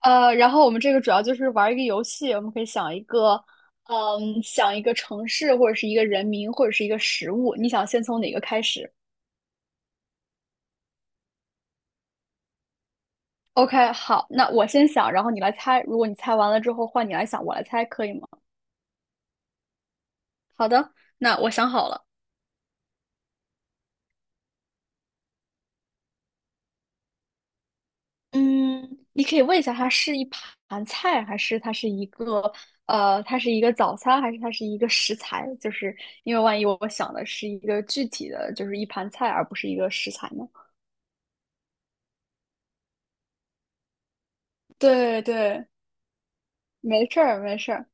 然后我们这个主要就是玩一个游戏，我们可以想一个，想一个城市或者是一个人名或者是一个食物，你想先从哪个开始？OK，好，那我先想，然后你来猜。如果你猜完了之后，换你来想，我来猜，可以吗？好的，那我想好了。嗯，你可以问一下，它是一盘菜，还是它是一个它是一个早餐，还是它是一个食材？就是因为万一我想的是一个具体的，就是一盘菜，而不是一个食材呢？对对，没事儿，没事儿。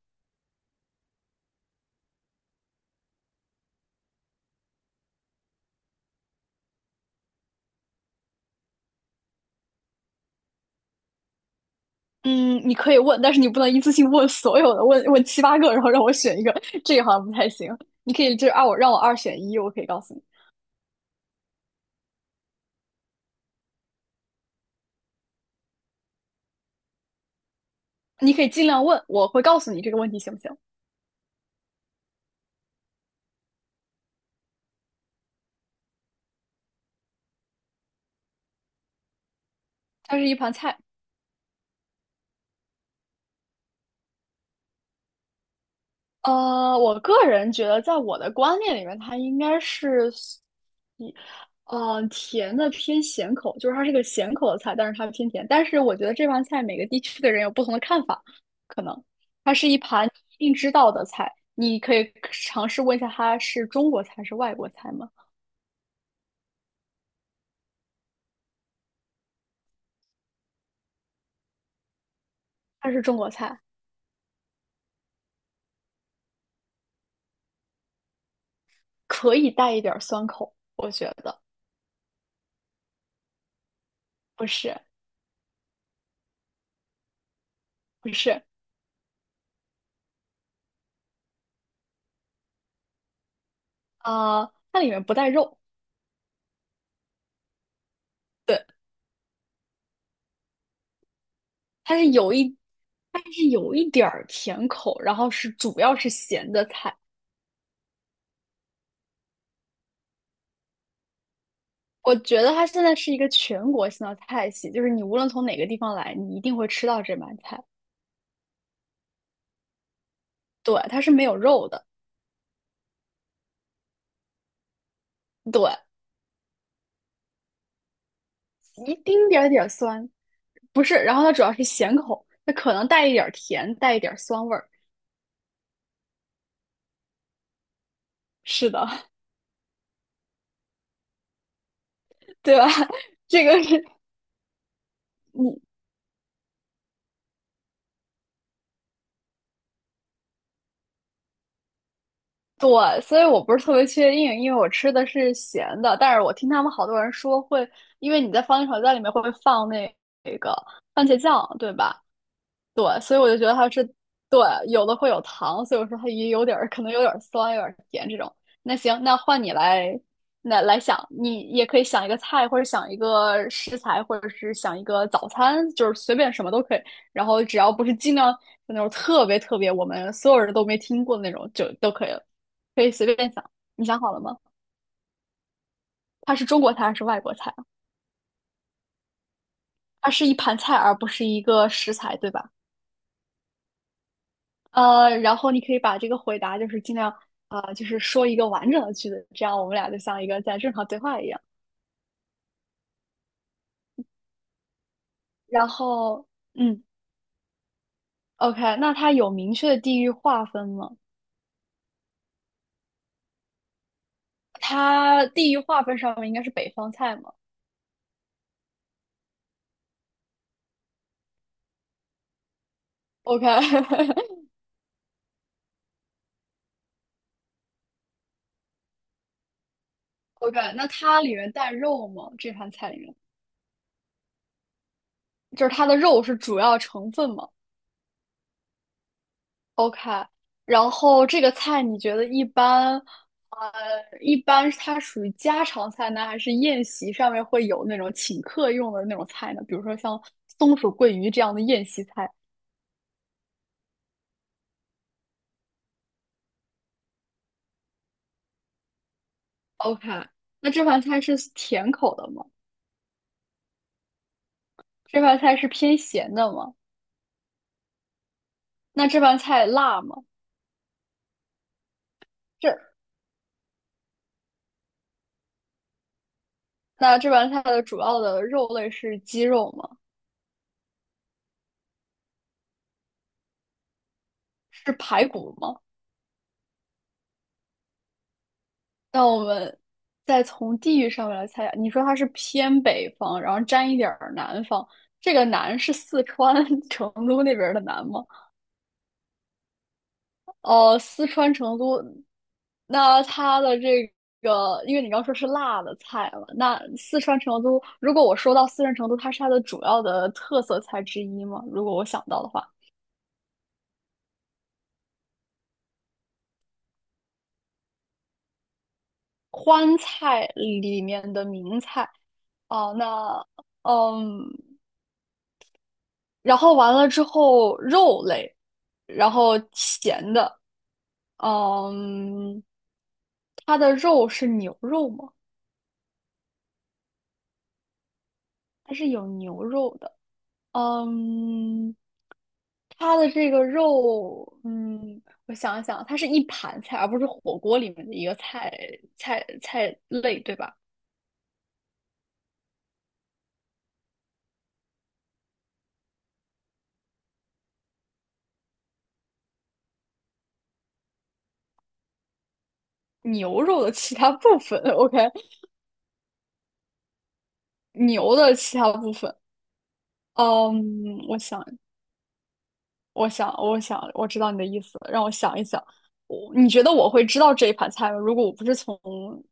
嗯，你可以问，但是你不能一次性问所有的，问问七八个，然后让我选一个，这个好像不太行。你可以就是让我二选一，我可以告诉你。你可以尽量问，我会告诉你这个问题行不行？它是一盘菜。呃，我个人觉得，在我的观念里面，它应该是一，甜的偏咸口，就是它是个咸口的菜，但是它偏甜。但是我觉得这盘菜每个地区的人有不同的看法，可能它是一盘你一定知道的菜，你可以尝试问一下它是中国菜还是外国菜吗？它是中国菜，可以带一点儿酸口，我觉得不是。不是。啊、它里面不带肉，对，它是有一但是有一点儿甜口，然后是主要是咸的菜。我觉得它现在是一个全国性的菜系，就是你无论从哪个地方来，你一定会吃到这盘菜。对，它是没有肉的，对，一丁点儿酸，不是。然后它主要是咸口，它可能带一点儿甜，带一点儿酸味儿。是的，对吧？这个是你对，所以我不是特别确定，因为我吃的是咸的，但是我听他们好多人说会，因为你在番茄炒蛋里面会放那个番茄酱，对吧？对，所以我就觉得它是对，有的会有糖，所以我说它也有点儿可能有点儿酸，有点儿甜这种。那行，那换你来，那来想，你也可以想一个菜，或者想一个食材，或者是想一个早餐，就是随便什么都可以。然后只要不是尽量那种特别特别我们所有人都没听过的那种，就都可以了，可以随便想。你想好了吗？它是中国菜还是外国菜啊？它是一盘菜，而不是一个食材，对吧？呃，然后你可以把这个回答就是尽量啊，就是说一个完整的句子，这样我们俩就像一个在正常对话一样。然后，嗯，OK，那它有明确的地域划分吗？它地域划分上面应该是北方菜嘛？OK，OK，那它里面带肉吗？这盘菜里面，就是它的肉是主要成分吗？OK，然后这个菜你觉得一般，呃，一般它属于家常菜呢，还是宴席上面会有那种请客用的那种菜呢？比如说像松鼠桂鱼这样的宴席菜。OK，那这盘菜是甜口的吗？这盘菜是偏咸的吗？那这盘菜辣吗？这，那这盘菜的主要的肉类是鸡肉吗？是排骨吗？那我们再从地域上面来猜啊，你说它是偏北方，然后沾一点儿南方，这个南是四川 成都那边儿的南吗？哦，四川成都，那它的这个，因为你刚说是辣的菜嘛，那四川成都，如果我说到四川成都，它是它的主要的特色菜之一吗？如果我想到的话，川菜里面的名菜，哦，那嗯。然后完了之后肉类，然后咸的，嗯，它的肉是牛肉吗？它是有牛肉的，嗯，它的这个肉，嗯，我想一想，它是一盘菜，而不是火锅里面的一个菜菜类，对吧？牛肉的其他部分 ，OK，牛的其他部分，嗯，我想，我想，我知道你的意思，让我想一想。你觉得我会知道这一盘菜吗？如果我不是从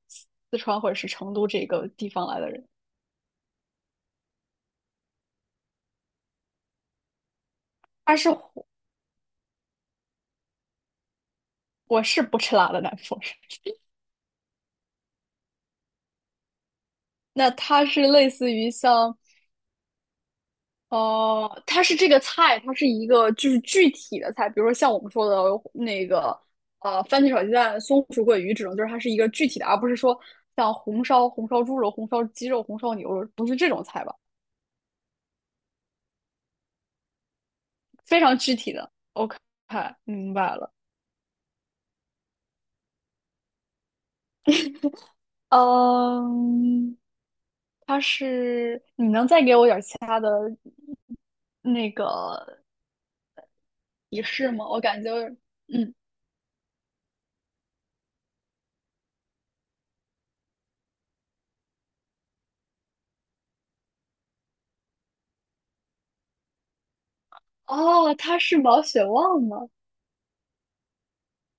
四川或者是成都这个地方来的人，他是火我是不吃辣的南方人。那它是类似于像，呃，它是这个菜，它是一个就是具体的菜，比如说像我们说的那个，呃，番茄炒鸡蛋、松鼠桂鱼这种，就是它是一个具体的，而不是说像红烧、红烧猪肉、红烧鸡肉、红烧牛肉，不是这种菜吧？非常具体的。OK，明白了。嗯，它是，你能再给我点儿其他的那个仪式吗？我感觉，嗯，哦，它是毛血旺吗？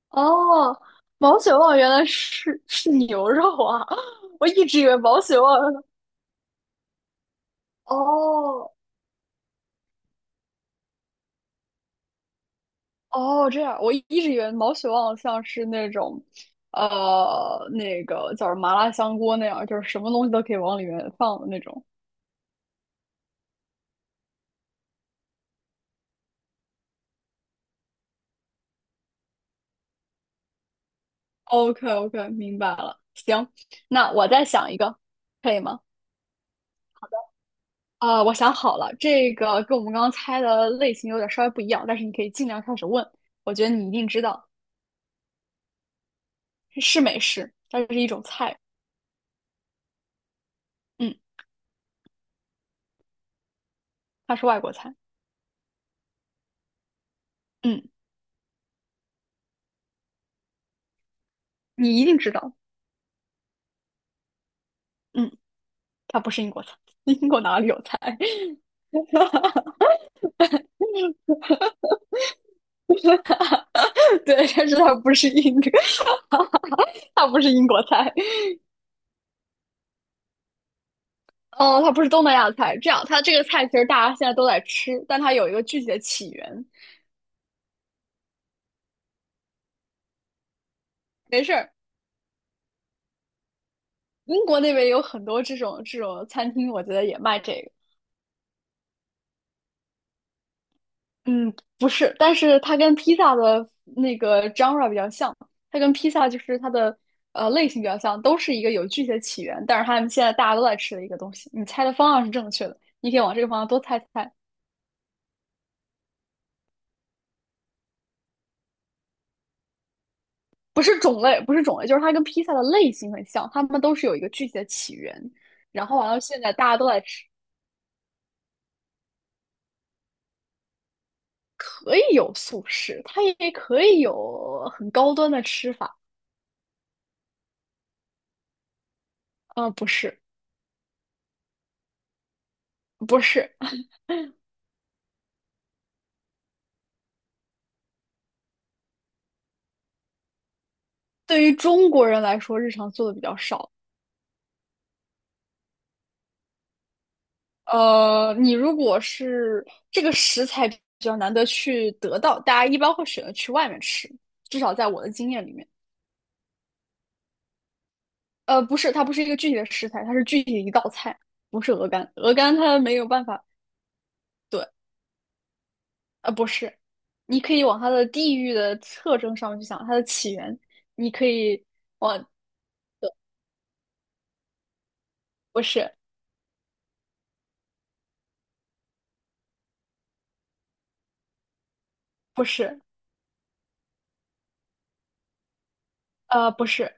哦，毛血旺原来是是牛肉啊！我一直以为毛血旺，哦哦，这样，我一直以为毛血旺像是那种，呃，那个叫什么麻辣香锅那样，就是什么东西都可以往里面放的那种。OK OK，明白了。行，那我再想一个，可以吗？啊、我想好了，这个跟我们刚刚猜的类型有点稍微不一样，但是你可以尽量开始问。我觉得你一定知道，是美食，它是一种菜。嗯，它是外国菜。嗯，你一定知道。嗯，它不是英国菜。英国哪里有菜？对，但是它不是英，它不是英国菜。哦，它不是东南亚菜。这样，它这个菜其实大家现在都在吃，但它有一个具体的起源。没事儿，英国那边有很多这种餐厅，我觉得也卖这个。嗯，不是，但是它跟披萨的genre 比较像，它跟披萨就是它的类型比较像，都是一个有具体的起源，但是他们现在大家都在吃的一个东西。你猜的方向是正确的，你可以往这个方向多猜猜。不是种类，不是种类，就是它跟披萨的类型很像，它们都是有一个具体的起源。然后完了，现在大家都在吃，可以有素食，它也可以有很高端的吃法。呃，不是，不是，对于中国人来说，日常做的比较少。呃，你如果是这个食材比较难得去得到，大家一般会选择去外面吃，至少在我的经验里面。呃，不是，它不是一个具体的食材，它是具体的一道菜，不是鹅肝。鹅肝它没有办法，对，呃，不是，你可以往它的地域的特征上面去想，它的起源，你可以往，不是，不是，呃，不是。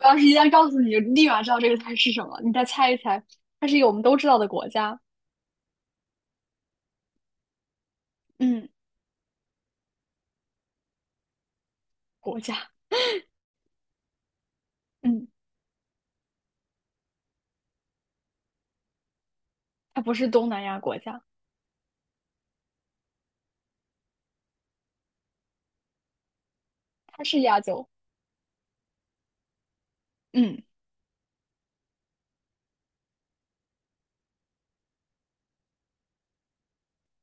我要是一旦告诉你，就立马知道这个菜是什么，你再猜一猜，它是一个我们都知道的国家，嗯国家，嗯它不是东南亚国家，它是亚洲。嗯，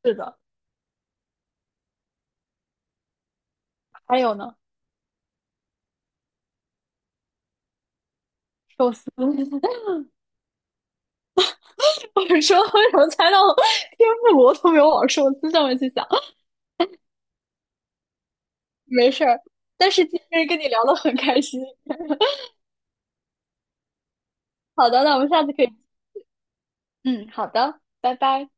是的，还有呢，寿司，我说为什么猜到了天妇罗都没有往寿司上面去想？没事儿，但是今天跟你聊得很开心。好的，那我们下次可以，嗯，好的，拜拜。